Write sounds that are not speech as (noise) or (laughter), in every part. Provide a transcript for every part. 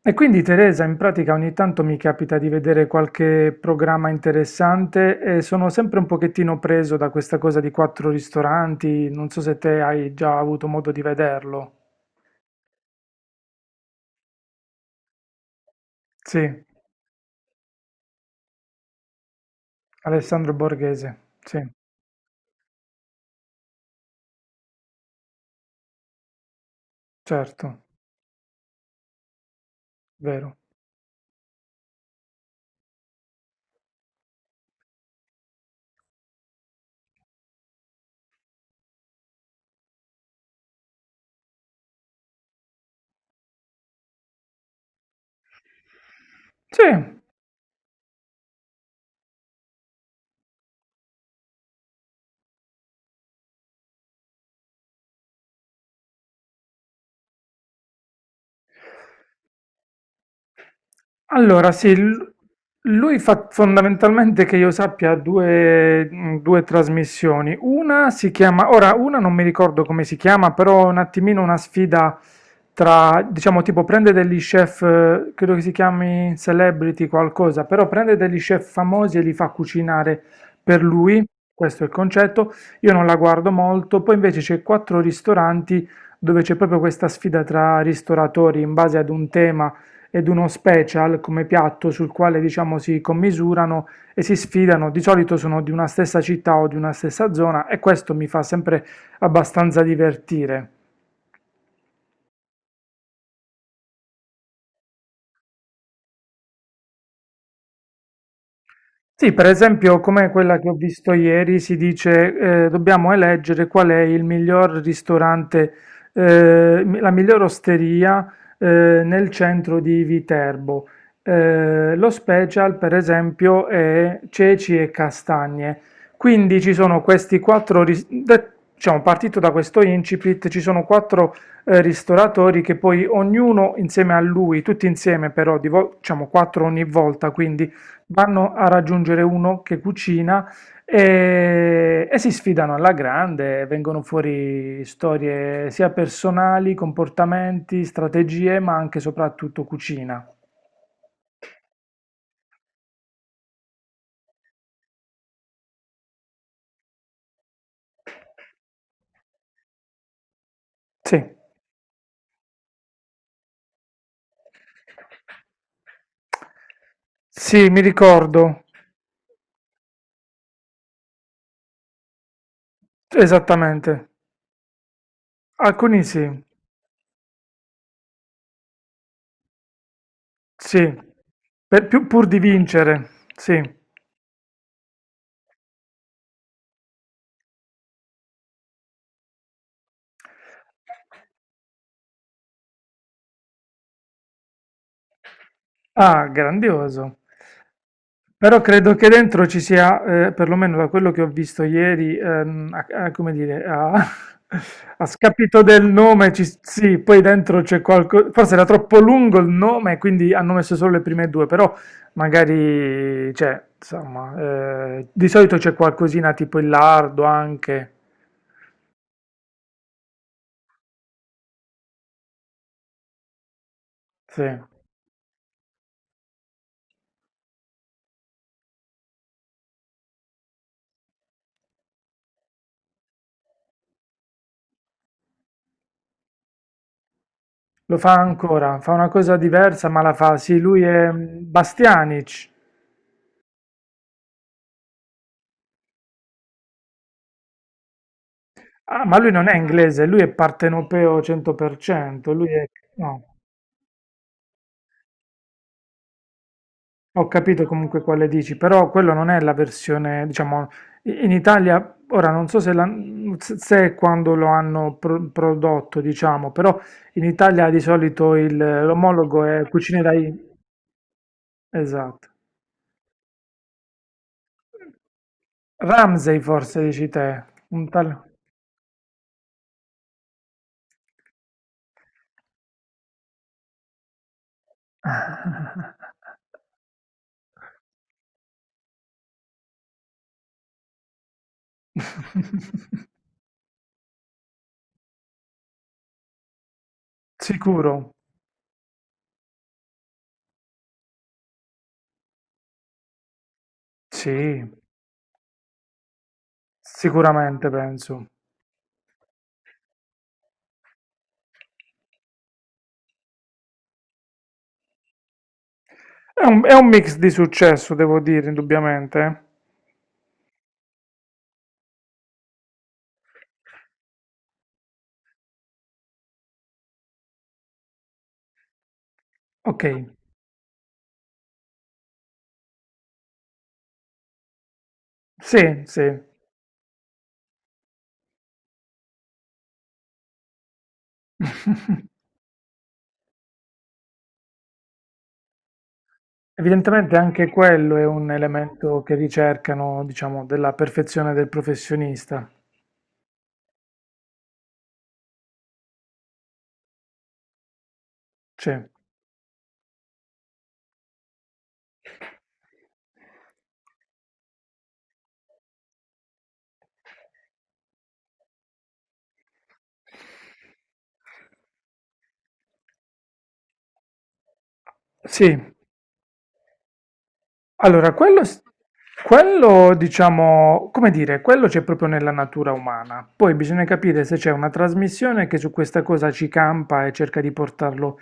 E quindi Teresa, in pratica ogni tanto mi capita di vedere qualche programma interessante e sono sempre un pochettino preso da questa cosa di quattro ristoranti, non so se te hai già avuto modo di vederlo. Sì, Alessandro Borghese, sì, certo, vero. Sì. Allora, sì, lui fa fondamentalmente che io sappia due trasmissioni. Una si chiama, ora una non mi ricordo come si chiama, però è un attimino una sfida tra, diciamo, tipo prende degli chef, credo che si chiami celebrity qualcosa, però prende degli chef famosi e li fa cucinare per lui, questo è il concetto. Io non la guardo molto, poi invece c'è quattro ristoranti dove c'è proprio questa sfida tra ristoratori in base ad un tema ed uno special come piatto sul quale diciamo si commisurano e si sfidano. Di solito sono di una stessa città o di una stessa zona e questo mi fa sempre abbastanza divertire. Sì, per esempio, come quella che ho visto ieri, si dice dobbiamo eleggere qual è il miglior ristorante, la miglior osteria nel centro di Viterbo. Lo special, per esempio, è ceci e castagne. Quindi ci sono questi quattro, diciamo, partito da questo incipit, ci sono quattro ristoratori che poi ognuno insieme a lui, tutti insieme però, diciamo quattro ogni volta, quindi vanno a raggiungere uno che cucina e si sfidano alla grande, vengono fuori storie sia personali, comportamenti, strategie, ma anche e soprattutto cucina. Sì. Sì, mi ricordo, esattamente. Alcuni sì, sì, pur di vincere, sì. Ah, grandioso. Però credo che dentro ci sia, perlomeno da quello che ho visto ieri, come dire, (laughs) a scapito del nome, ci, sì, poi dentro c'è qualcosa, forse era troppo lungo il nome, quindi hanno messo solo le prime due, però magari, cioè, insomma, di solito c'è qualcosina tipo il lardo anche, sì. Lo fa ancora, fa una cosa diversa, ma la fa, sì, lui è Bastianic. Ah, ma lui non è inglese, lui è partenopeo 100%, lui è... No, ho capito comunque quale dici, però quello non è la versione, diciamo, in Italia, ora non so se, se è quando lo hanno prodotto, diciamo, però in Italia di solito l'omologo è Cucine dai... Esatto. Ramsey forse dici te, un tal... (laughs) Sicuro? Sì, sicuramente penso. È un mix di successo, devo dire, indubbiamente. Ok, sì, sì. (laughs) Evidentemente anche quello è un elemento che ricercano, diciamo, della perfezione del professionista. Sì. Sì. Allora, quello, diciamo, come dire, quello c'è proprio nella natura umana. Poi bisogna capire se c'è una trasmissione che su questa cosa ci campa e cerca di portarlo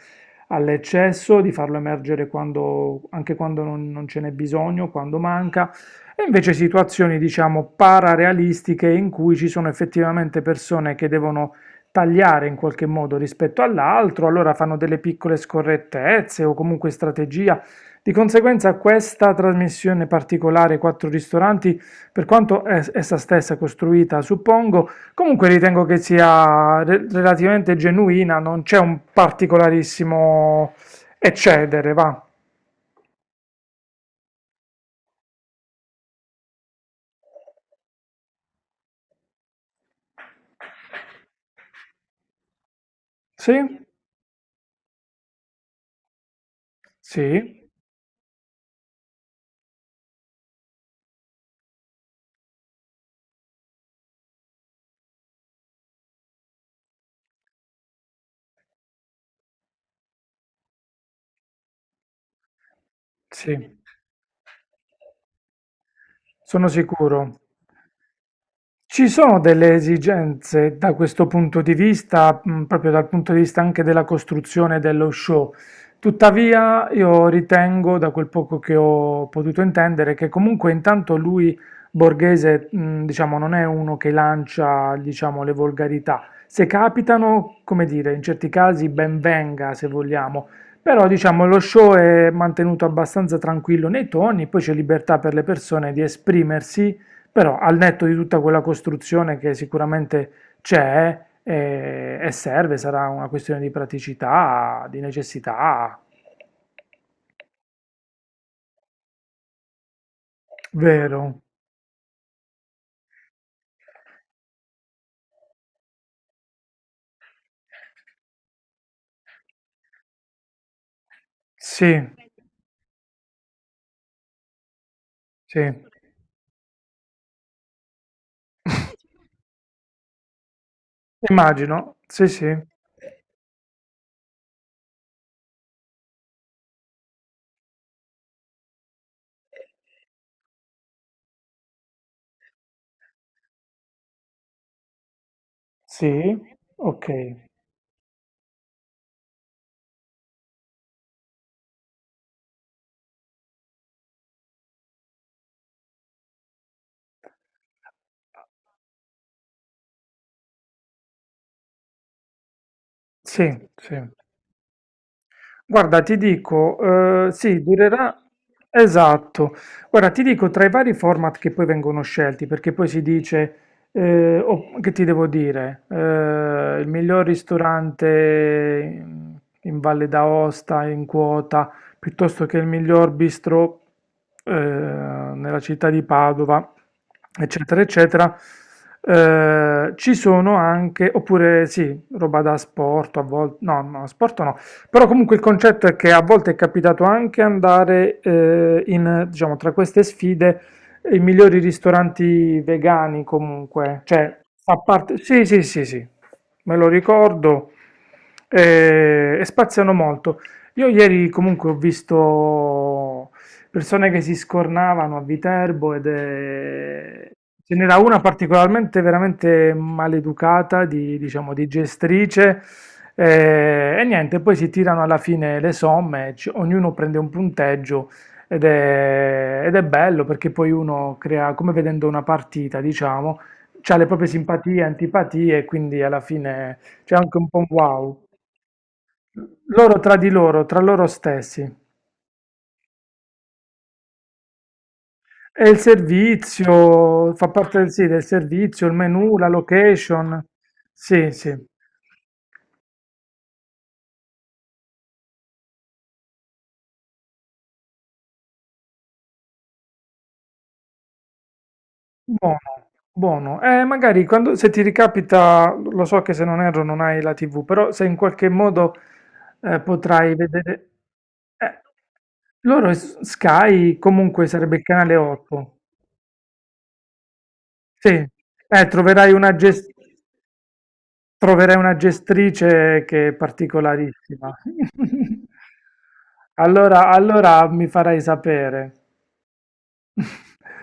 all'eccesso, di farlo emergere quando, anche quando non ce n'è bisogno, quando manca, e invece situazioni, diciamo, pararealistiche in cui ci sono effettivamente persone che devono tagliare in qualche modo rispetto all'altro, allora fanno delle piccole scorrettezze o comunque strategie di conseguenza questa trasmissione particolare Quattro Ristoranti, per quanto essa stessa costruita, suppongo, comunque ritengo che sia relativamente genuina, non c'è un particolarissimo eccedere, va? Sì? Sì? Sì, sono sicuro. Ci sono delle esigenze da questo punto di vista, proprio dal punto di vista anche della costruzione dello show. Tuttavia, io ritengo, da quel poco che ho potuto intendere, che comunque intanto lui, Borghese, diciamo, non è uno che lancia, diciamo, le volgarità. Se capitano, come dire, in certi casi ben venga, se vogliamo. Però, diciamo, lo show è mantenuto abbastanza tranquillo nei toni, poi c'è libertà per le persone di esprimersi però al netto di tutta quella costruzione che sicuramente c'è e serve, sarà una questione di praticità, di necessità, vero? Sì, sì. (laughs) Immagino, sì, sì, sì, ok. Sì, sì. Guarda, ti dico, sì, durerà. Esatto. Guarda, ti dico tra i vari format che poi vengono scelti, perché poi si dice, che ti devo dire, il miglior ristorante in, Valle d'Aosta in quota, piuttosto che il miglior bistro, nella città di Padova, eccetera, eccetera. Ci sono anche, oppure sì, roba da sport a volte, no, no, sport no però comunque il concetto è che a volte è capitato anche andare in, diciamo, tra queste sfide i migliori ristoranti vegani comunque, cioè fa parte... Sì, sì, sì, sì, me lo ricordo e spaziano molto. Io ieri comunque ho visto persone che si scornavano a Viterbo ed è... Ce n'era una particolarmente veramente maleducata, di, diciamo, di gestrice, e niente, poi si tirano alla fine le somme, ognuno prende un punteggio ed è bello perché poi uno crea, come vedendo una partita, diciamo, ha le proprie simpatie, antipatie e quindi alla fine c'è anche un po' un wow. Loro tra di loro, tra loro stessi. È il servizio, fa parte del, sì, del servizio, il menu, la location. Sì, sì. Buono, buono. Magari quando, se ti ricapita, lo so che se non erro non hai la TV, però se in qualche modo potrai vedere... eh, Loro è Sky comunque sarebbe il canale 8. Sì, troverai una gestione... Troverai una gestrice che è particolarissima. (laughs) Allora mi farai sapere. (laughs)